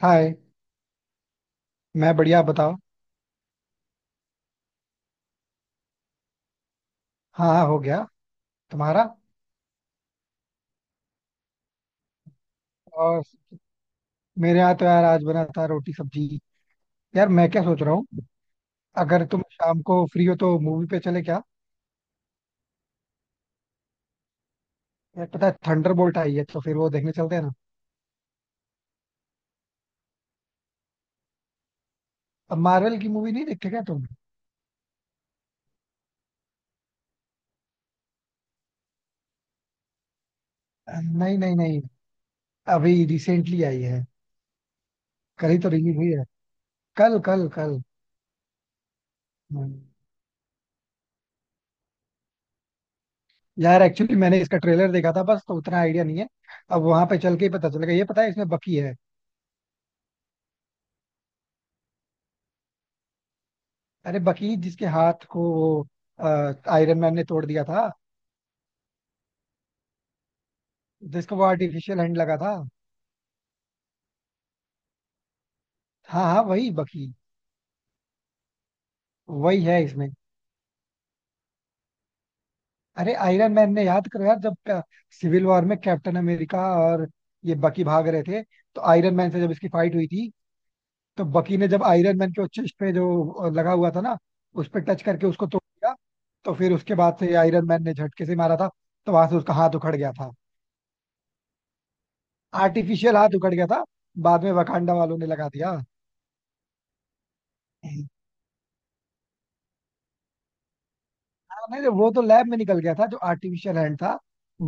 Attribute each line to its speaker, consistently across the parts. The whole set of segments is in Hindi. Speaker 1: हाय। मैं बढ़िया, आप बताओ। हाँ हाँ हो गया। तुम्हारा? और मेरे यहाँ तो यार आज बना था रोटी सब्जी। यार मैं क्या सोच रहा हूँ, अगर तुम शाम को फ्री हो तो मूवी पे चले क्या? यार पता है थंडरबोल्ट आई है, तो फिर वो देखने चलते हैं ना। अब मार्वल की मूवी नहीं देखते क्या तुम? नहीं नहीं नहीं, अभी रिसेंटली आई है। कल ही तो रिलीज हुई है। कल कल कल। हम्म। यार एक्चुअली मैंने इसका ट्रेलर देखा था बस, तो उतना आइडिया नहीं है। अब वहां पे चल के ही पता चलेगा। ये पता है इसमें बकी है। अरे बकीर, जिसके हाथ को वो आयरन मैन ने तोड़ दिया था। जिसको वो आर्टिफिशियल हैंड लगा था। हाँ हाँ वही बकीर। वही है इसमें। अरे आयरन मैन ने, याद करो यार, जब सिविल वॉर में कैप्टन अमेरिका और ये बकी भाग रहे थे, तो आयरन मैन से जब इसकी फाइट हुई थी, तो बकी ने जब आयरन मैन के चेस्ट पे जो लगा हुआ था ना, उस पे टच करके उसको तोड़ दिया। तो फिर उसके बाद से आयरन मैन ने झटके से मारा था। तो वहां से उसका हाथ उखड़ गया था। आर्टिफिशियल हाथ उखड़ गया था। बाद में वकांडा वालों ने लगा दिया। नहीं नहीं, वो तो लैब में निकल गया था जो आर्टिफिशियल हैंड था।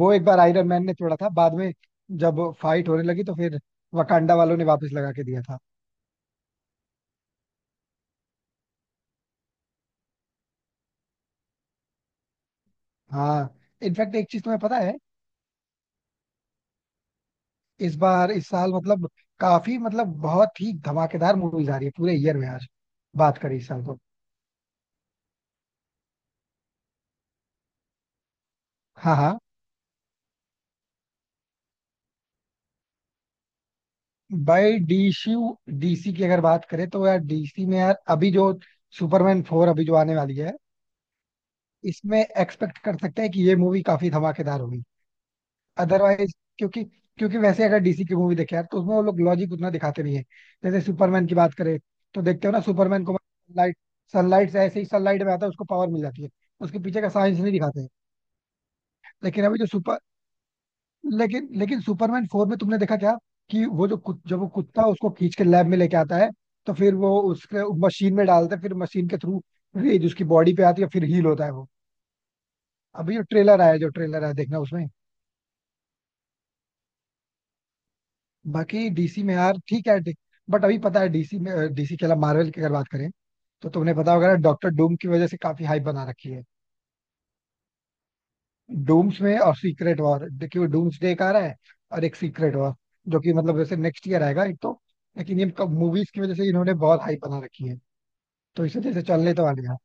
Speaker 1: वो एक बार आयरन मैन ने छोड़ा था। बाद में जब फाइट होने लगी तो फिर वकांडा वालों ने वापस लगा के दिया था। हाँ। इनफैक्ट एक चीज तुम्हें पता है? इस बार इस साल मतलब काफी मतलब बहुत ही धमाकेदार मूवीज आ रही है पूरे ईयर में, आज बात करें इस साल तो। हाँ हाँ। By DC. डीसी की अगर बात करें तो यार, डीसी में यार अभी जो सुपरमैन 4 अभी जो आने वाली है, इसमें एक्सपेक्ट कर सकते हैं कि ये मूवी काफी धमाकेदार होगी। अदरवाइज क्योंकि क्योंकि वैसे अगर डीसी की मूवी देखे यार तो उसमें वो लोग लॉजिक उतना दिखाते नहीं है। जैसे सुपरमैन की बात करें, तो देखते हो ना, सुपरमैन को सनलाइट, सनलाइट से ऐसे ही सनलाइट में आता है उसको पावर मिल जाती है। उसके पीछे का साइंस नहीं दिखाते हैं। लेकिन अभी जो सुपर लेकिन लेकिन सुपरमैन 4 में तुमने देखा क्या, कि वो जो जब वो कुत्ता उसको खींच के लैब में लेके आता है तो फिर वो उसके मशीन में डालते हैं, फिर मशीन के थ्रू रेज उसकी बॉडी पे आती है फिर हील होता है वो। अभी जो ट्रेलर आया देखना उसमें। बाकी डीसी में यार ठीक है। बट अभी पता है डीसी में, डीसी के अलावा मार्वल की अगर बात करें, तो तुमने पता होगा ना डॉक्टर डूम की वजह से काफी हाइप बना रखी है। डूम्स में और सीक्रेट वॉर, देखिए डूम्स डे एक आ रहा है और एक सीक्रेट वॉर, जो कि मतलब जैसे नेक्स्ट ईयर आएगा एक तो। लेकिन ये मूवीज की वजह से इन्होंने बहुत हाइप बना रखी है, तो इस वजह से चलने तो वाले हैं।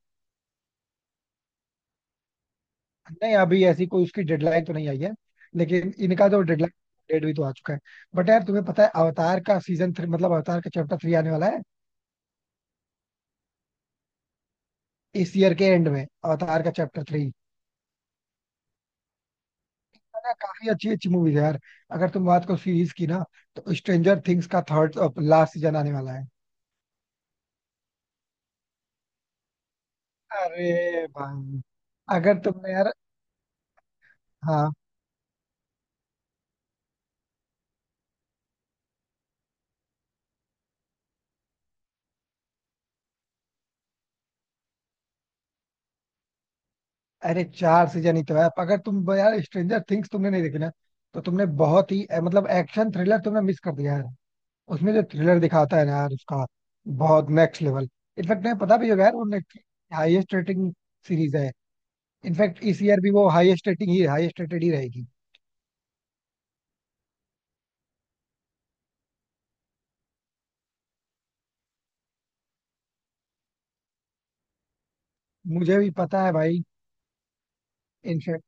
Speaker 1: नहीं अभी ऐसी कोई उसकी डेडलाइन तो नहीं आई है, लेकिन इनका जो डेडलाइन डेट भी तो आ चुका है। बट यार तुम्हें पता है, अवतार का सीजन 3 मतलब अवतार का चैप्टर 3 आने वाला है, इस ईयर के एंड में अवतार का चैप्टर 3। है ना? काफी अच्छी अच्छी मूवीज है यार। अगर तुम बात करो सीरीज की ना, तो स्ट्रेंजर थिंग्स का थर्ड लास्ट सीजन आने वाला है। अरे भाई, अगर तुमने यार, हाँ, अरे 4 सीजन ही तो है। अगर तुम यार, स्ट्रेंजर थिंग्स तुमने नहीं देखी ना, तो तुमने बहुत ही मतलब एक्शन थ्रिलर तुमने मिस कर दिया यार। उसमें जो थ्रिलर दिखाता है ना यार उसका, बहुत नेक्स्ट लेवल। इनफैक्ट तुम्हें पता भी होगा यार, वो हाईएस्ट रेटिंग सीरीज है। इनफैक्ट इस ईयर भी वो हाईएस्ट रेटिंग ही, हाईएस्ट रेटेड ही रहेगी। मुझे भी पता है भाई। इनफैक्ट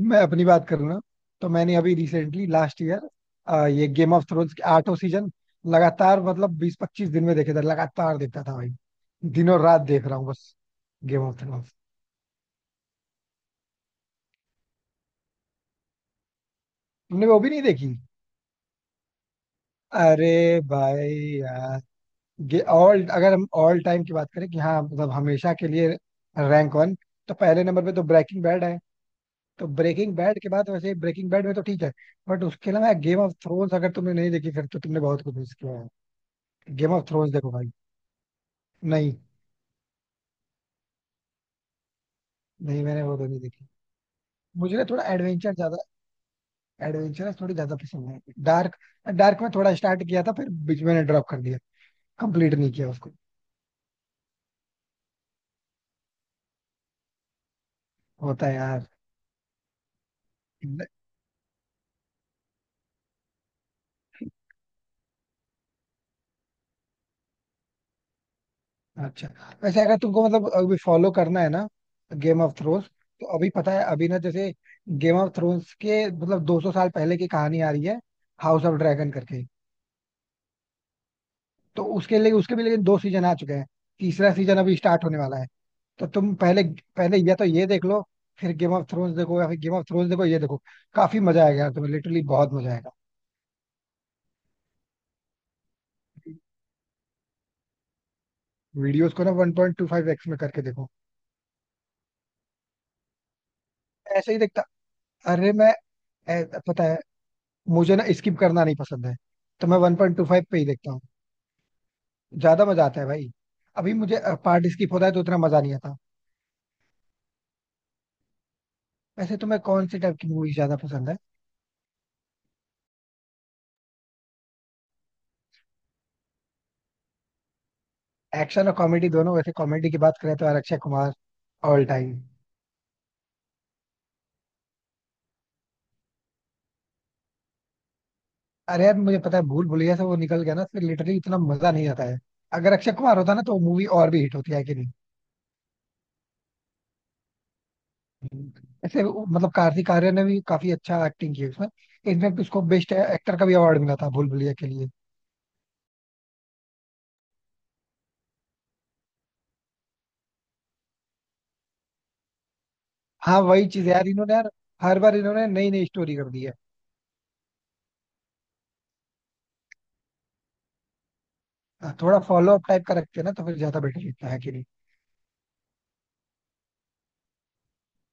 Speaker 1: मैं अपनी बात करूँ ना, तो मैंने अभी रिसेंटली लास्ट ईयर ये गेम ऑफ थ्रोन्स के आठों सीजन लगातार, मतलब 20-25 दिन में देखे थे। लगातार देखता था भाई, दिनों रात देख रहा हूँ बस। Game of Thrones. तुमने वो भी नहीं देखी? अरे भाई यार, ये ऑल, अगर हम ऑल टाइम की बात करें कि हाँ मतलब हमेशा के लिए रैंक 1, तो पहले नंबर पे तो ब्रेकिंग बैड है। तो ब्रेकिंग बैड के बाद, वैसे ब्रेकिंग बैड में तो ठीक है, बट उसके अलावा गेम ऑफ थ्रोन्स अगर तुमने नहीं देखी, फिर तो तुमने बहुत कुछ मिस किया है। गेम ऑफ थ्रोन्स देखो भाई। नहीं। नहीं मैंने वो तो नहीं देखी। मुझे ना थोड़ा एडवेंचर ज्यादा, एडवेंचरस थोड़ी ज्यादा पसंद है। डार्क, डार्क में थोड़ा स्टार्ट किया था फिर बीच में ड्रॉप कर दिया, कंप्लीट नहीं किया उसको। होता है यार। अच्छा। वैसे अगर तुमको मतलब अभी फॉलो करना है ना गेम ऑफ थ्रोन्स, तो अभी पता है अभी ना, जैसे गेम ऑफ थ्रोन्स के मतलब 200 साल पहले की कहानी आ रही है, हाउस ऑफ ड्रैगन करके। तो उसके लिए, उसके भी लेकिन 2 सीजन आ चुके हैं, तीसरा सीजन अभी स्टार्ट होने वाला है। तो तुम पहले पहले या तो ये देख लो, फिर गेम ऑफ थ्रोन्स देखो, या फिर गेम ऑफ थ्रोन्स देखो, ये देखो। काफी मजा आएगा यार तुम्हें, लिटरली बहुत मजा आएगा। वीडियोस को ना 1.25x में करके देखो। ऐसे ही देखता। अरे मैं, पता है, मुझे ना स्किप करना नहीं पसंद है, तो मैं 1.25 पे ही देखता हूँ, ज्यादा मजा आता है भाई। अभी मुझे पार्ट स्किप होता है तो उतना मजा नहीं आता। वैसे तुम्हें कौन से टाइप की मूवी ज्यादा पसंद है? एक्शन और कॉमेडी दोनों, वैसे कॉमेडी की बात करें तो यार अक्षय कुमार, ऑल टाइम। अरे यार मुझे पता है, भूल भुलैया से वो निकल गया ना, फिर लिटरली इतना मजा नहीं आता है। अगर अक्षय कुमार होता ना, तो मूवी और भी हिट होती है कि नहीं। मतलब कार्तिक आर्यन ने भी काफी अच्छा एक्टिंग की है उसमें। इनफैक्ट उसको बेस्ट एक्टर का भी अवार्ड मिला था भूल भुलैया के लिए। हाँ वही चीज यार, इन्होंने यार हर बार इन्होंने नई नई स्टोरी कर दी है। हाँ, थोड़ा फॉलो अप टाइप का रखते हैं ना, तो फिर ज्यादा बेटर लगता है कि नहीं।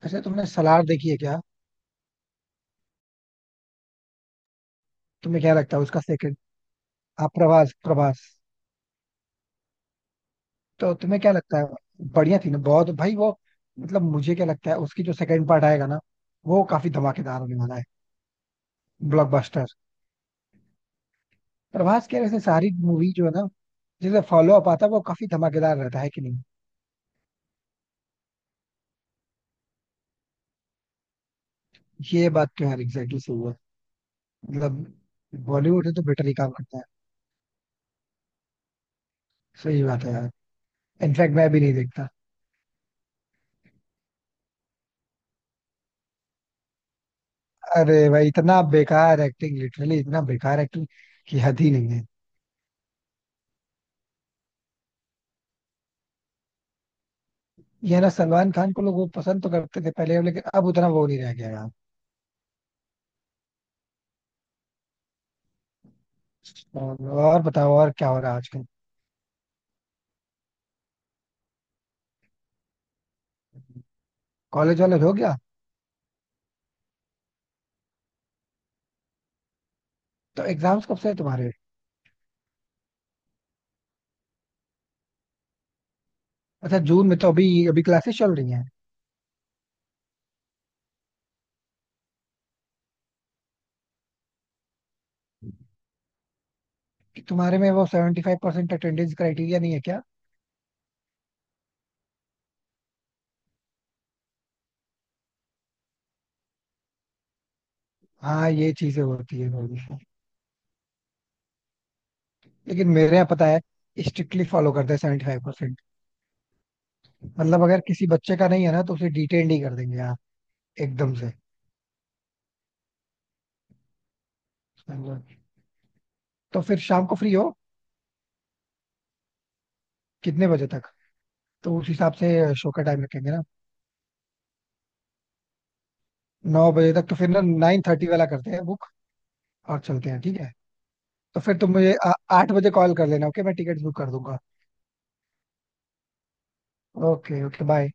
Speaker 1: वैसे तुमने सलार देखी है क्या? तुम्हें क्या लगता है उसका सेकंड? हाँ, प्रभास प्रभास। तो तुम्हें क्या लगता है? बढ़िया थी ना बहुत, भाई वो। मतलब मुझे क्या लगता है उसकी जो सेकंड पार्ट आएगा ना, वो काफी धमाकेदार होने वाला है। ब्लॉकबस्टर। प्रभास की वैसे सारी मूवी जो है ना, जैसे फॉलो अप आता है वो काफी धमाकेदार रहता है कि नहीं। ये बात तो यार एग्जैक्टली सही है। मतलब बॉलीवुड है तो बेटर ही काम करता है। सही बात है यार, इनफैक्ट मैं भी नहीं देखता। अरे भाई, इतना बेकार एक्टिंग, लिटरली इतना बेकार एक्टिंग की हद ही नहीं है। ये है ना, सलमान खान को लोग वो पसंद तो करते थे पहले, लेकिन अब उतना वो नहीं रह गया यार। और बताओ, और क्या हो रहा है आजकल। कॉलेज वॉलेज हो गया? तो एग्जाम्स कब से है तुम्हारे? अच्छा जून में, तो अभी अभी क्लासेस चल रही हैं। कि तुम्हारे में वो 75% अटेंडेंस क्राइटेरिया नहीं है क्या? हाँ ये चीजें होती है थोड़ी सी। लेकिन मेरे यहाँ पता है, स्ट्रिक्टली फॉलो करते हैं 75%। मतलब अगर किसी बच्चे का नहीं है ना, तो उसे डिटेन ही कर देंगे यार, एकदम से। समझो। तो फिर शाम को फ्री हो? कितने बजे तक, तो उस हिसाब से शो का टाइम रखेंगे ना। 9 बजे तक? तो फिर ना 9:30 वाला करते हैं बुक, और चलते हैं, ठीक है? तो फिर तुम मुझे 8 बजे कॉल कर लेना ओके, मैं टिकट बुक कर दूंगा। Okay okay bye.